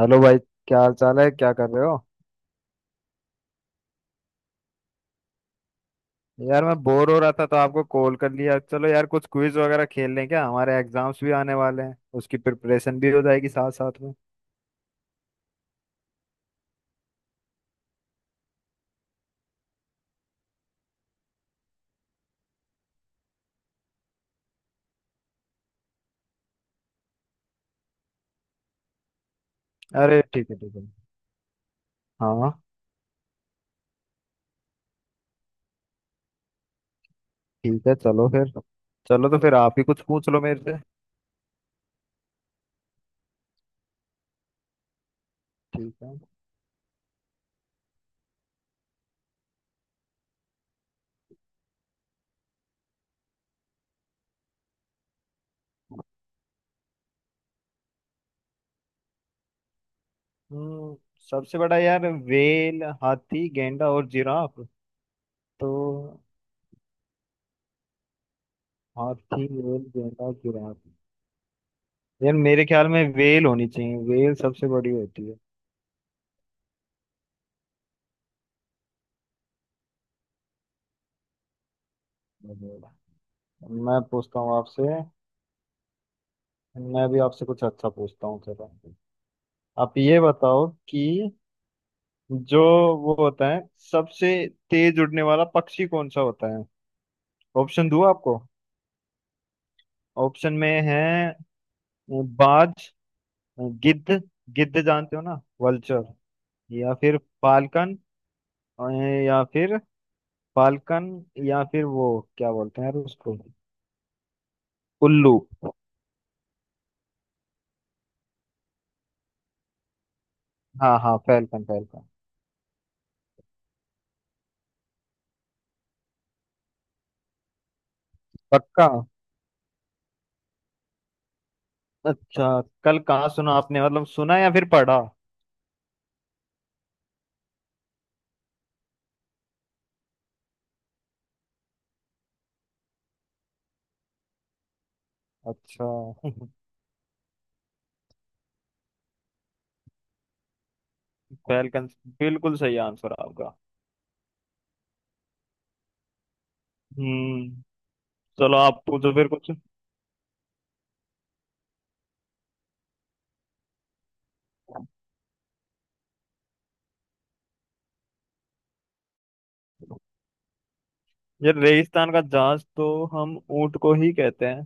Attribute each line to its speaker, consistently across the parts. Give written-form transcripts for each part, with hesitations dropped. Speaker 1: Hello भाई। क्या हाल चाल है, क्या कर रहे हो? यार, मैं बोर हो रहा था तो आपको कॉल कर लिया। चलो यार, कुछ क्विज वगैरह खेल लें। क्या हमारे एग्जाम्स भी आने वाले हैं, उसकी प्रिपरेशन भी हो जाएगी साथ साथ में। अरे, ठीक है, ठीक है। हाँ। ठीक है, चलो फिर। चलो तो फिर आप ही कुछ पूछ लो मेरे से। ठीक है। हम्म सबसे बड़ा यार, वेल, हाथी, गेंडा और जिराफ? तो हाथी, वेल, गेंडा और जिराफ। यार, मेरे ख्याल में वेल होनी चाहिए। वेल सबसे बड़ी होती है। मैं पूछता हूँ आपसे। मैं भी आपसे कुछ अच्छा पूछता हूँ, चलो। आप ये बताओ कि जो वो होता है सबसे तेज उड़ने वाला पक्षी, कौन सा होता है? ऑप्शन दूँ आपको? ऑप्शन में है बाज, गिद्ध। गिद्ध जानते हो ना, वल्चर। या फिर फाल्कन। अ, या फिर फाल्कन, या फिर वो क्या बोलते हैं यार उसको, उल्लू। हाँ, हाँ, फाल्कन, फाल्कन। पक्का? अच्छा, कल कहाँ सुना आपने? मतलब, सुना या फिर पढ़ा? अच्छा। फैलकन, बिल्कुल सही आंसर आपका। हम्म। चलो, आप पूछो फिर कुछ। यार, रेगिस्तान का जहाज तो हम ऊंट को ही कहते हैं।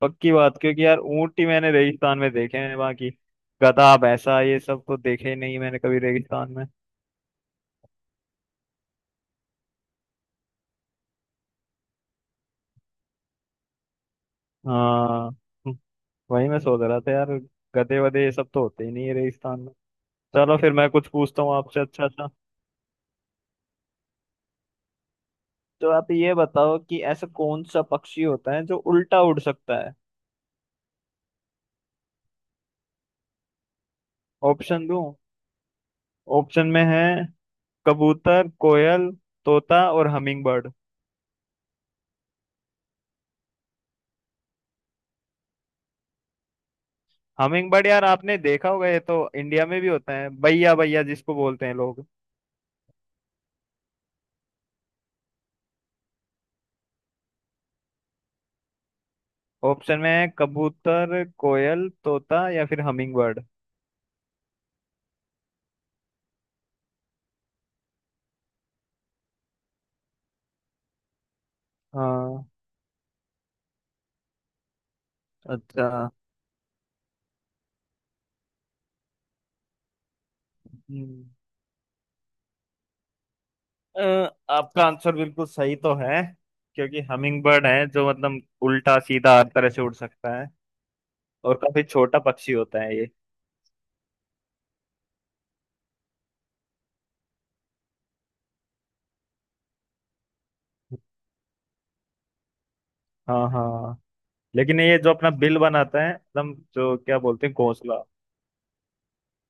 Speaker 1: पक्की बात, क्योंकि यार, ऊंट ही मैंने रेगिस्तान में देखे हैं वहां की। गधा, भैंसा, ये सब तो देखे ही नहीं मैंने कभी रेगिस्तान में। हाँ, वही मैं सोच रहा था यार। गधे वधे ये सब तो होते ही नहीं है रेगिस्तान में। चलो फिर मैं कुछ पूछता हूँ आपसे। अच्छा, अच्छा। तो आप ये बताओ कि ऐसा कौन सा पक्षी होता है जो उल्टा उड़ सकता है? ऑप्शन दूं? ऑप्शन में है कबूतर, कोयल, तोता और हमिंग बर्ड। हमिंग बर्ड यार, आपने देखा होगा। ये तो इंडिया में भी होता है, बैया बैया जिसको बोलते हैं लोग। ऑप्शन में है कबूतर, कोयल, तोता या फिर हमिंग बर्ड। हाँ। अच्छा। हम्म, अ, आपका आंसर बिल्कुल सही तो है, क्योंकि हमिंग बर्ड है जो मतलब उल्टा सीधा हर तरह से उड़ सकता है। और काफी छोटा पक्षी होता है ये। हाँ, हाँ। लेकिन ये जो अपना बिल बनाता है एकदम, जो क्या बोलते हैं, घोंसला।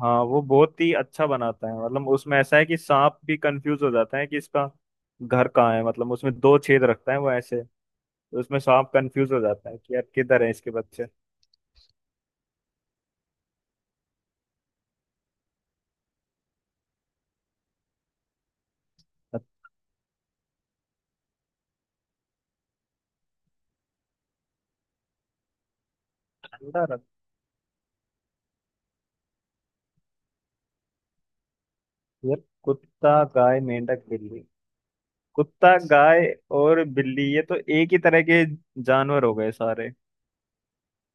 Speaker 1: हाँ, वो बहुत ही अच्छा बनाता है। मतलब, उसमें ऐसा है कि सांप भी कंफ्यूज हो जाता है कि इसका घर कहाँ है। मतलब, उसमें दो छेद रखता है वो ऐसे। तो उसमें सांप कंफ्यूज हो जाता है कि यार, किधर है इसके बच्चे। ठंडा रख। यार, कुत्ता, गाय, मेंढक, बिल्ली। कुत्ता, गाय और बिल्ली, ये तो एक ही तरह के जानवर हो गए सारे।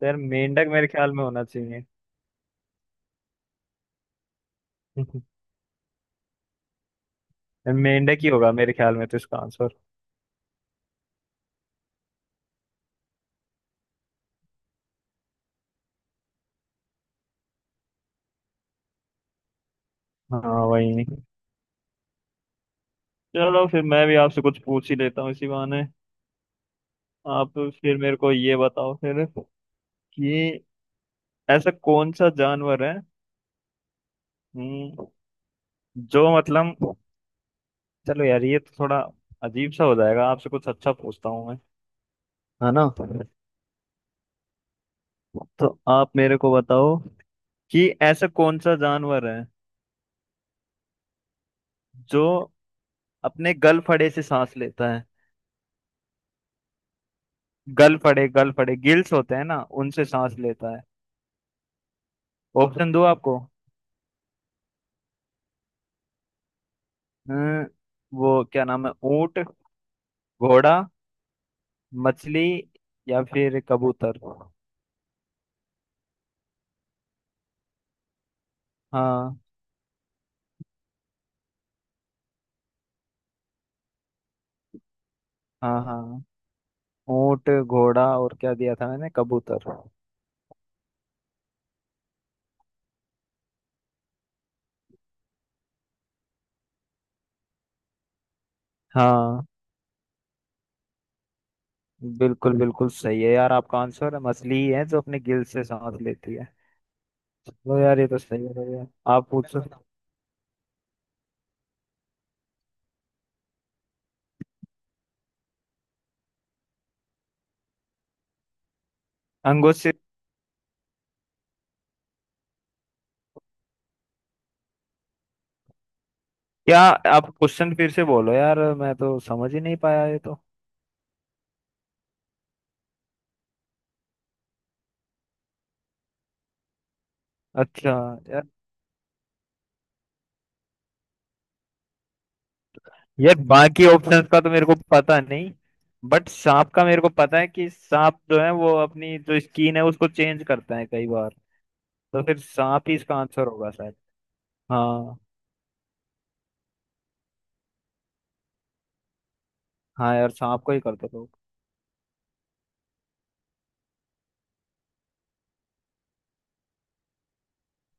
Speaker 1: तो यार, मेंढक मेरे ख्याल में होना चाहिए। यार, मेंढक ही होगा मेरे ख्याल में तो इसका आंसर। हाँ, वही। चलो फिर मैं भी आपसे कुछ पूछ ही लेता हूँ इसी बहाने। आप फिर मेरे को ये बताओ फिर कि ऐसा कौन सा जानवर है, हम्म, जो मतलब, चलो यार, ये तो थोड़ा अजीब सा हो जाएगा। आपसे कुछ अच्छा पूछता हूँ मैं। है ना? तो आप मेरे को बताओ कि ऐसा कौन सा जानवर है जो अपने गल फड़े से सांस लेता है? गल फड़े, गल फड़े, गिल्स होते हैं ना, उनसे सांस लेता है। ऑप्शन दो आपको। हम्म, वो क्या नाम है, ऊंट, घोड़ा, मछली या फिर कबूतर। हाँ, हाँ, हाँ। ऊंट, घोड़ा और क्या दिया था मैंने, कबूतर। हाँ, बिल्कुल बिल्कुल सही है यार आपका आंसर। मछली ही है जो अपने गिल से सांस लेती है। चलो यार, ये तो सही है भैया। आप पूछो। अंगूर से। क्या? आप क्वेश्चन फिर से बोलो यार, मैं तो समझ ही नहीं पाया ये तो। अच्छा यार। यार, बाकी ऑप्शंस का तो मेरे को पता नहीं। बट सांप का मेरे को पता है कि सांप जो है, वो अपनी जो स्किन है उसको चेंज करता है कई बार। तो फिर सांप ही इसका आंसर होगा शायद। हाँ, हाँ यार, सांप को ही करते लोग।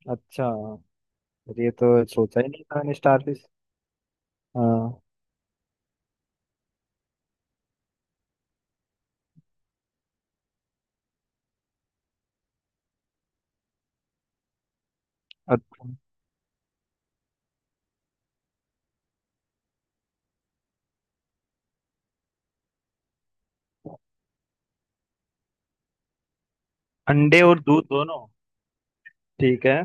Speaker 1: अच्छा यार, ये तो सोचा ही नहीं था मैंने, स्टारफिश। हाँ, अच्छा। अंडे और दूध दोनों? ठीक है।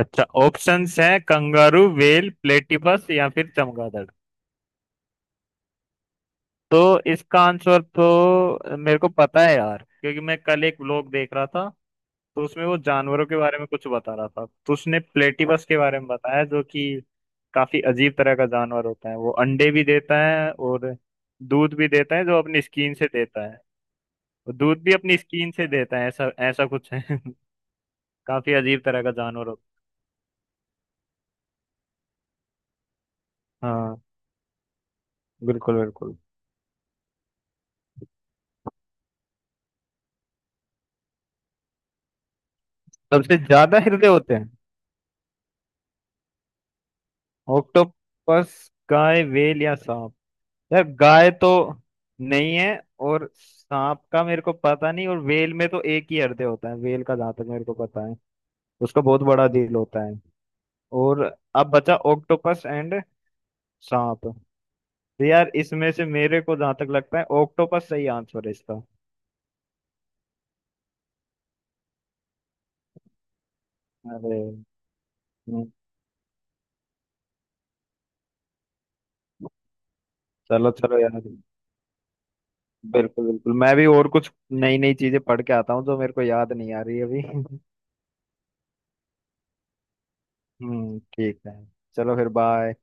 Speaker 1: अच्छा, ऑप्शंस हैं कंगारू, व्हेल, प्लेटिपस या फिर चमगादड़। तो इसका आंसर तो मेरे को पता है यार, क्योंकि मैं कल एक व्लॉग देख रहा था। तो उसमें वो जानवरों के बारे में कुछ बता रहा था, तो उसने प्लेटिपस के बारे में बताया, जो कि काफी अजीब तरह का जानवर होता है। वो अंडे भी देता है और दूध भी देता है, जो अपनी स्किन से देता है। और दूध भी अपनी स्किन से देता है, ऐसा ऐसा कुछ है। काफी अजीब तरह का जानवर होता है। हाँ, बिल्कुल बिल्कुल। सबसे ज्यादा हृदय होते हैं? ऑक्टोपस, गाय, व्हेल या सांप। यार, गाय तो नहीं है, और सांप का मेरे को पता नहीं, और व्हेल में तो एक ही हृदय होता है व्हेल का, जहां तक मेरे को पता है। उसका बहुत बड़ा दिल होता है। और अब बचा ऑक्टोपस एंड सांप। तो यार, इसमें से मेरे को जहां तक लगता है, ऑक्टोपस सही आंसर है इसका। अरे। हम्म, चलो, चलो यार। बिल्कुल बिल्कुल, मैं भी और कुछ नई नई चीजें पढ़ के आता हूँ जो मेरे को याद नहीं आ रही अभी। हम्म, ठीक है। चलो फिर, बाय।